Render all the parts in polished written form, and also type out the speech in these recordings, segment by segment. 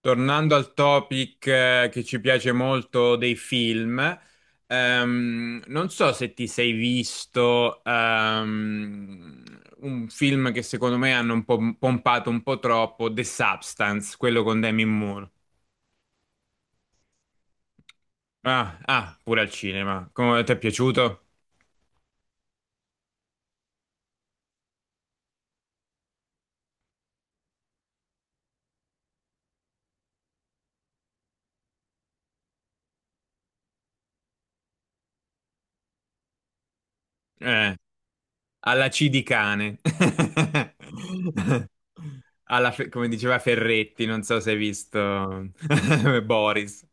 Tornando al topic che ci piace molto dei film, non so se ti sei visto un film che secondo me hanno un po' pompato un po' troppo, The Substance, quello con Demi Moore. Ah, ah, pure al cinema. Come ti è piaciuto? Eh, alla C di cane. Come diceva Ferretti, non so se hai visto Boris.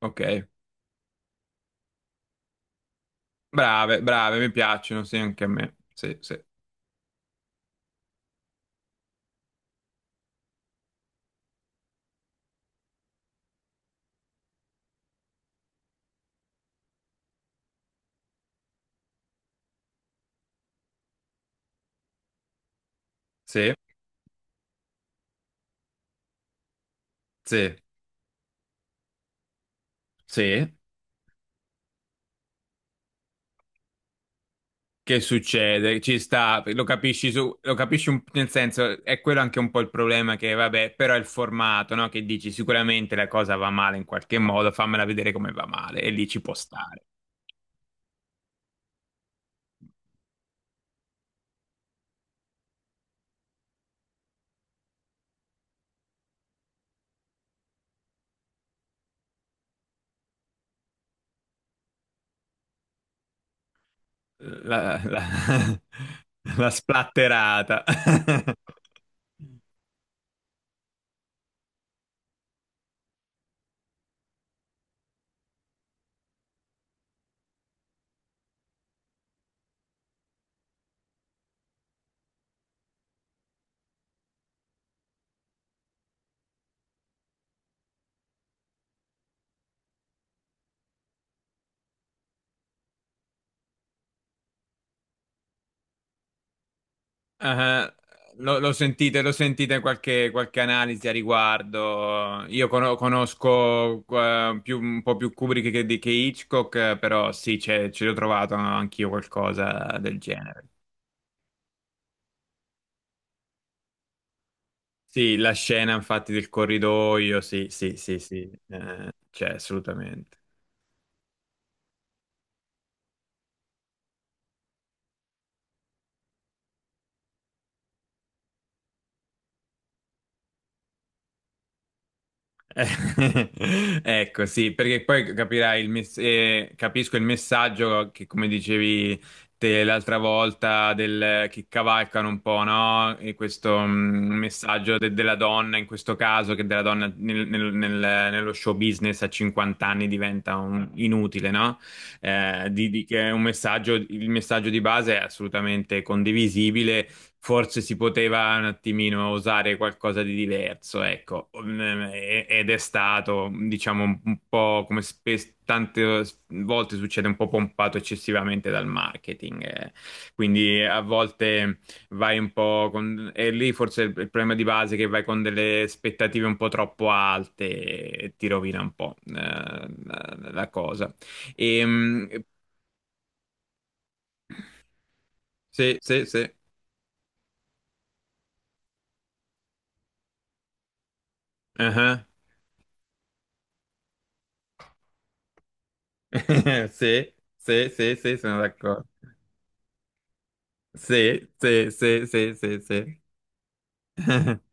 Ok. Brave, brave, mi piacciono, sì, anche a me. Sì, sì, sì, sì, sì. Che succede? Ci sta, lo capisci su, nel senso, è quello anche un po' il problema che, vabbè, però è il formato, no? Che dici sicuramente la cosa va male in qualche modo, fammela vedere come va male, e lì ci può stare. La, la- la splatterata. Eh, lo, lo sentite in qualche, qualche analisi a riguardo. Io conosco un po' più Kubrick che Hitchcock, però sì, ci ho trovato anch'io qualcosa del genere. Sì, la scena infatti del corridoio, sì, sì, sì, sì, c'è assolutamente. Eh, ecco, sì, perché poi capirai capisco il messaggio che, come dicevi te l'altra volta, del, che cavalcano un po', no? E questo messaggio della donna, in questo caso, che della donna nello show business a 50 anni diventa inutile, no? Che è un messaggio, il messaggio di base è assolutamente condivisibile, forse si poteva un attimino usare qualcosa di diverso, ecco. Mm, ed è stato, diciamo, un po' come spesso, tante volte succede, un po' pompato eccessivamente dal marketing, eh. Quindi a volte vai un po' con... E lì forse il problema di base è che vai con delle aspettative un po' troppo alte e ti rovina un po' la cosa. Ehm, sì, sì, sì. Ah, sì, sì, sì, sì, sono d'accordo. Sì, sì, sì, sì, sì, sì.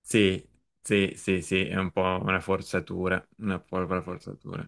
Sì, sì, sì, sì, è un po' una forzatura, una povera forzatura.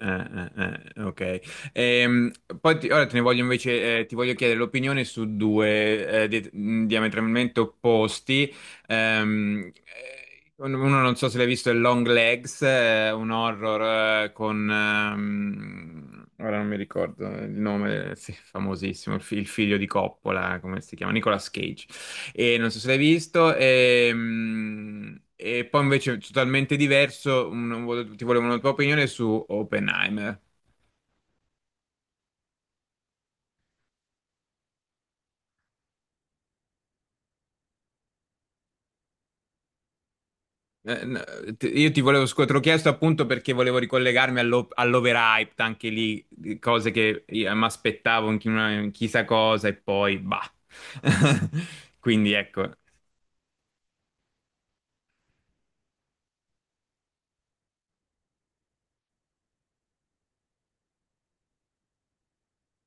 Ok. Poi ora te ne voglio invece, ti voglio chiedere l'opinione su due diametralmente opposti. Uno non so se l'hai visto, è Long Legs, un horror con... ora non mi ricordo il nome, sì, famosissimo, il figlio di Coppola, come si chiama? Nicolas Cage. E non so se l'hai visto. E poi invece totalmente diverso, ti volevo una tua opinione su Oppenheimer. No, io ti volevo, te l'ho chiesto appunto perché volevo ricollegarmi all'overhyped, anche lì, di cose che mi aspettavo in chissà cosa e poi bah. Quindi ecco,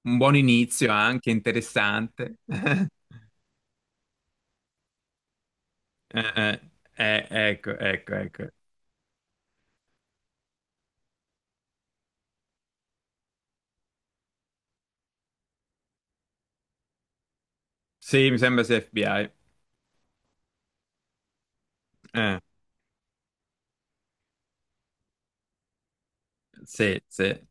un buon inizio anche, interessante. Eh, ecco, ecco, ecco. Sì, mi sembra sia FBI. Eh, sì, sì.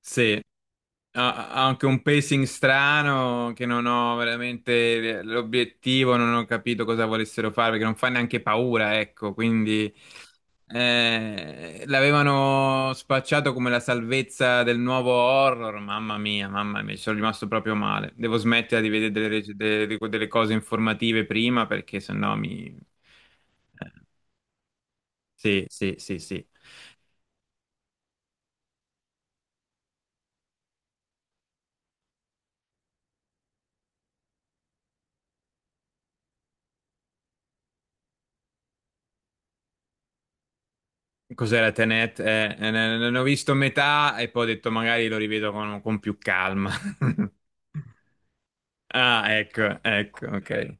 Sì. Ha ha anche un pacing strano che non ho veramente l'obiettivo, non ho capito cosa volessero fare perché non fa neanche paura, ecco, quindi l'avevano spacciato come la salvezza del nuovo horror, mamma mia, ci sono rimasto proprio male. Devo smettere di vedere delle, delle cose informative prima perché sennò mi... eh, Sì, sì, sì, sì. Cos'era Tenet? Ne ho visto metà e poi ho detto magari lo rivedo con più calma. Ah, ecco, ecco, ok.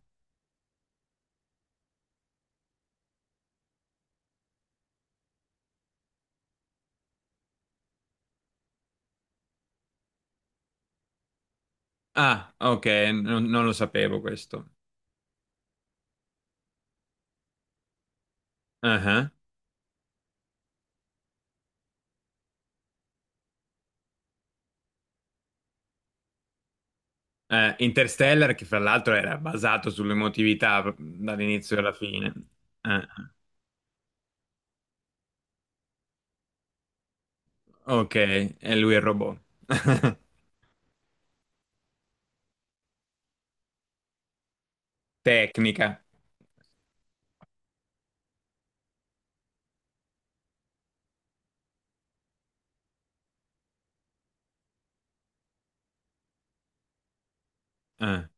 Ah, ok, non, non lo sapevo questo. Ah, ah. Interstellar, che fra l'altro era basato sull'emotività dall'inizio alla fine. Ah, ok, e lui è il robot. Tecnica. Ah.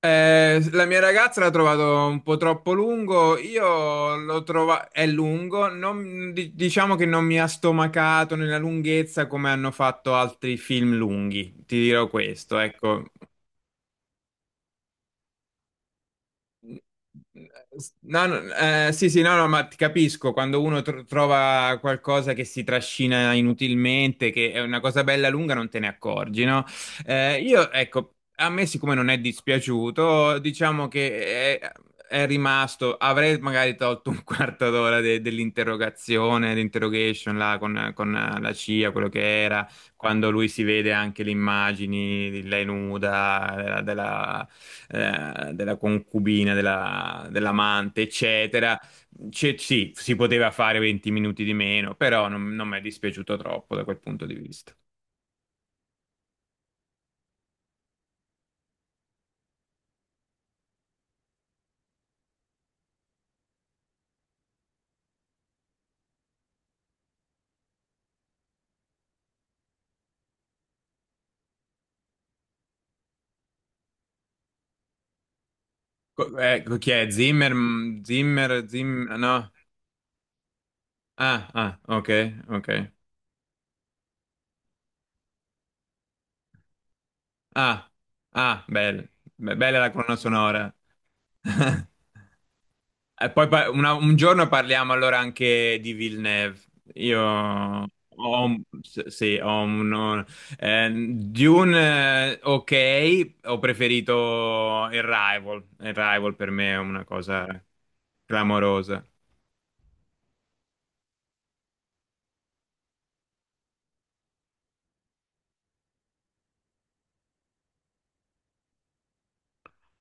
La mia ragazza l'ha trovato un po' troppo lungo, io l'ho trovato, è lungo, diciamo che non mi ha stomacato nella lunghezza come hanno fatto altri film lunghi, ti dirò questo, ecco. No, no, sì, sì, no, no, ma ti capisco, quando uno trova qualcosa che si trascina inutilmente, che è una cosa bella lunga, non te ne accorgi, no? Io, ecco, a me siccome non è dispiaciuto, diciamo che è rimasto, avrei magari tolto un quarto d'ora dell'interrogazione, l'interrogation là con la CIA, quello che era, quando lui si vede anche le immagini di lei nuda, della concubina, dell'amante, eccetera. Sì, si poteva fare 20 minuti di meno, però non, non mi è dispiaciuto troppo da quel punto di vista. Ecco, chi è? Zimmer? Mm, Zimmer? Zimmer? No? Ah, ah, ok, ok. Ah, ah, bella, bella la colonna sonora. E poi un giorno parliamo allora anche di Villeneuve. Io ho, sì, ho un, Dune, ok, ho preferito il Rival. Il Rival per me è una cosa clamorosa.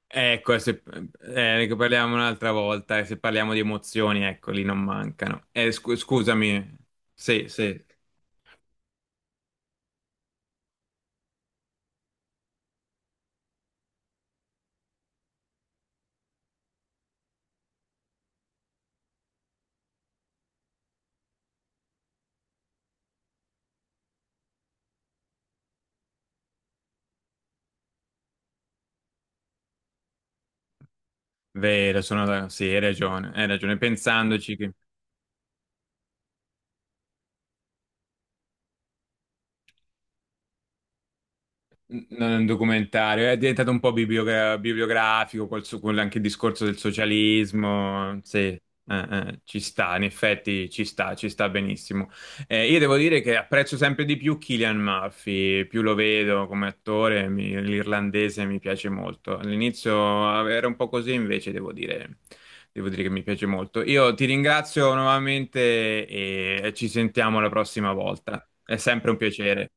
Ecco, se ne parliamo un'altra volta, e se parliamo di emozioni, ecco, lì non mancano. Scusami, sì, sì, vero, sì, hai ragione, pensandoci che... Non è un documentario, è diventato un po' bibliografico con anche il discorso del socialismo. Sì, ci sta, in effetti ci sta benissimo. Io devo dire che apprezzo sempre di più Cillian Murphy, più lo vedo come attore, l'irlandese mi piace molto. All'inizio era un po' così, invece devo dire che mi piace molto. Io ti ringrazio nuovamente e ci sentiamo la prossima volta. È sempre un piacere.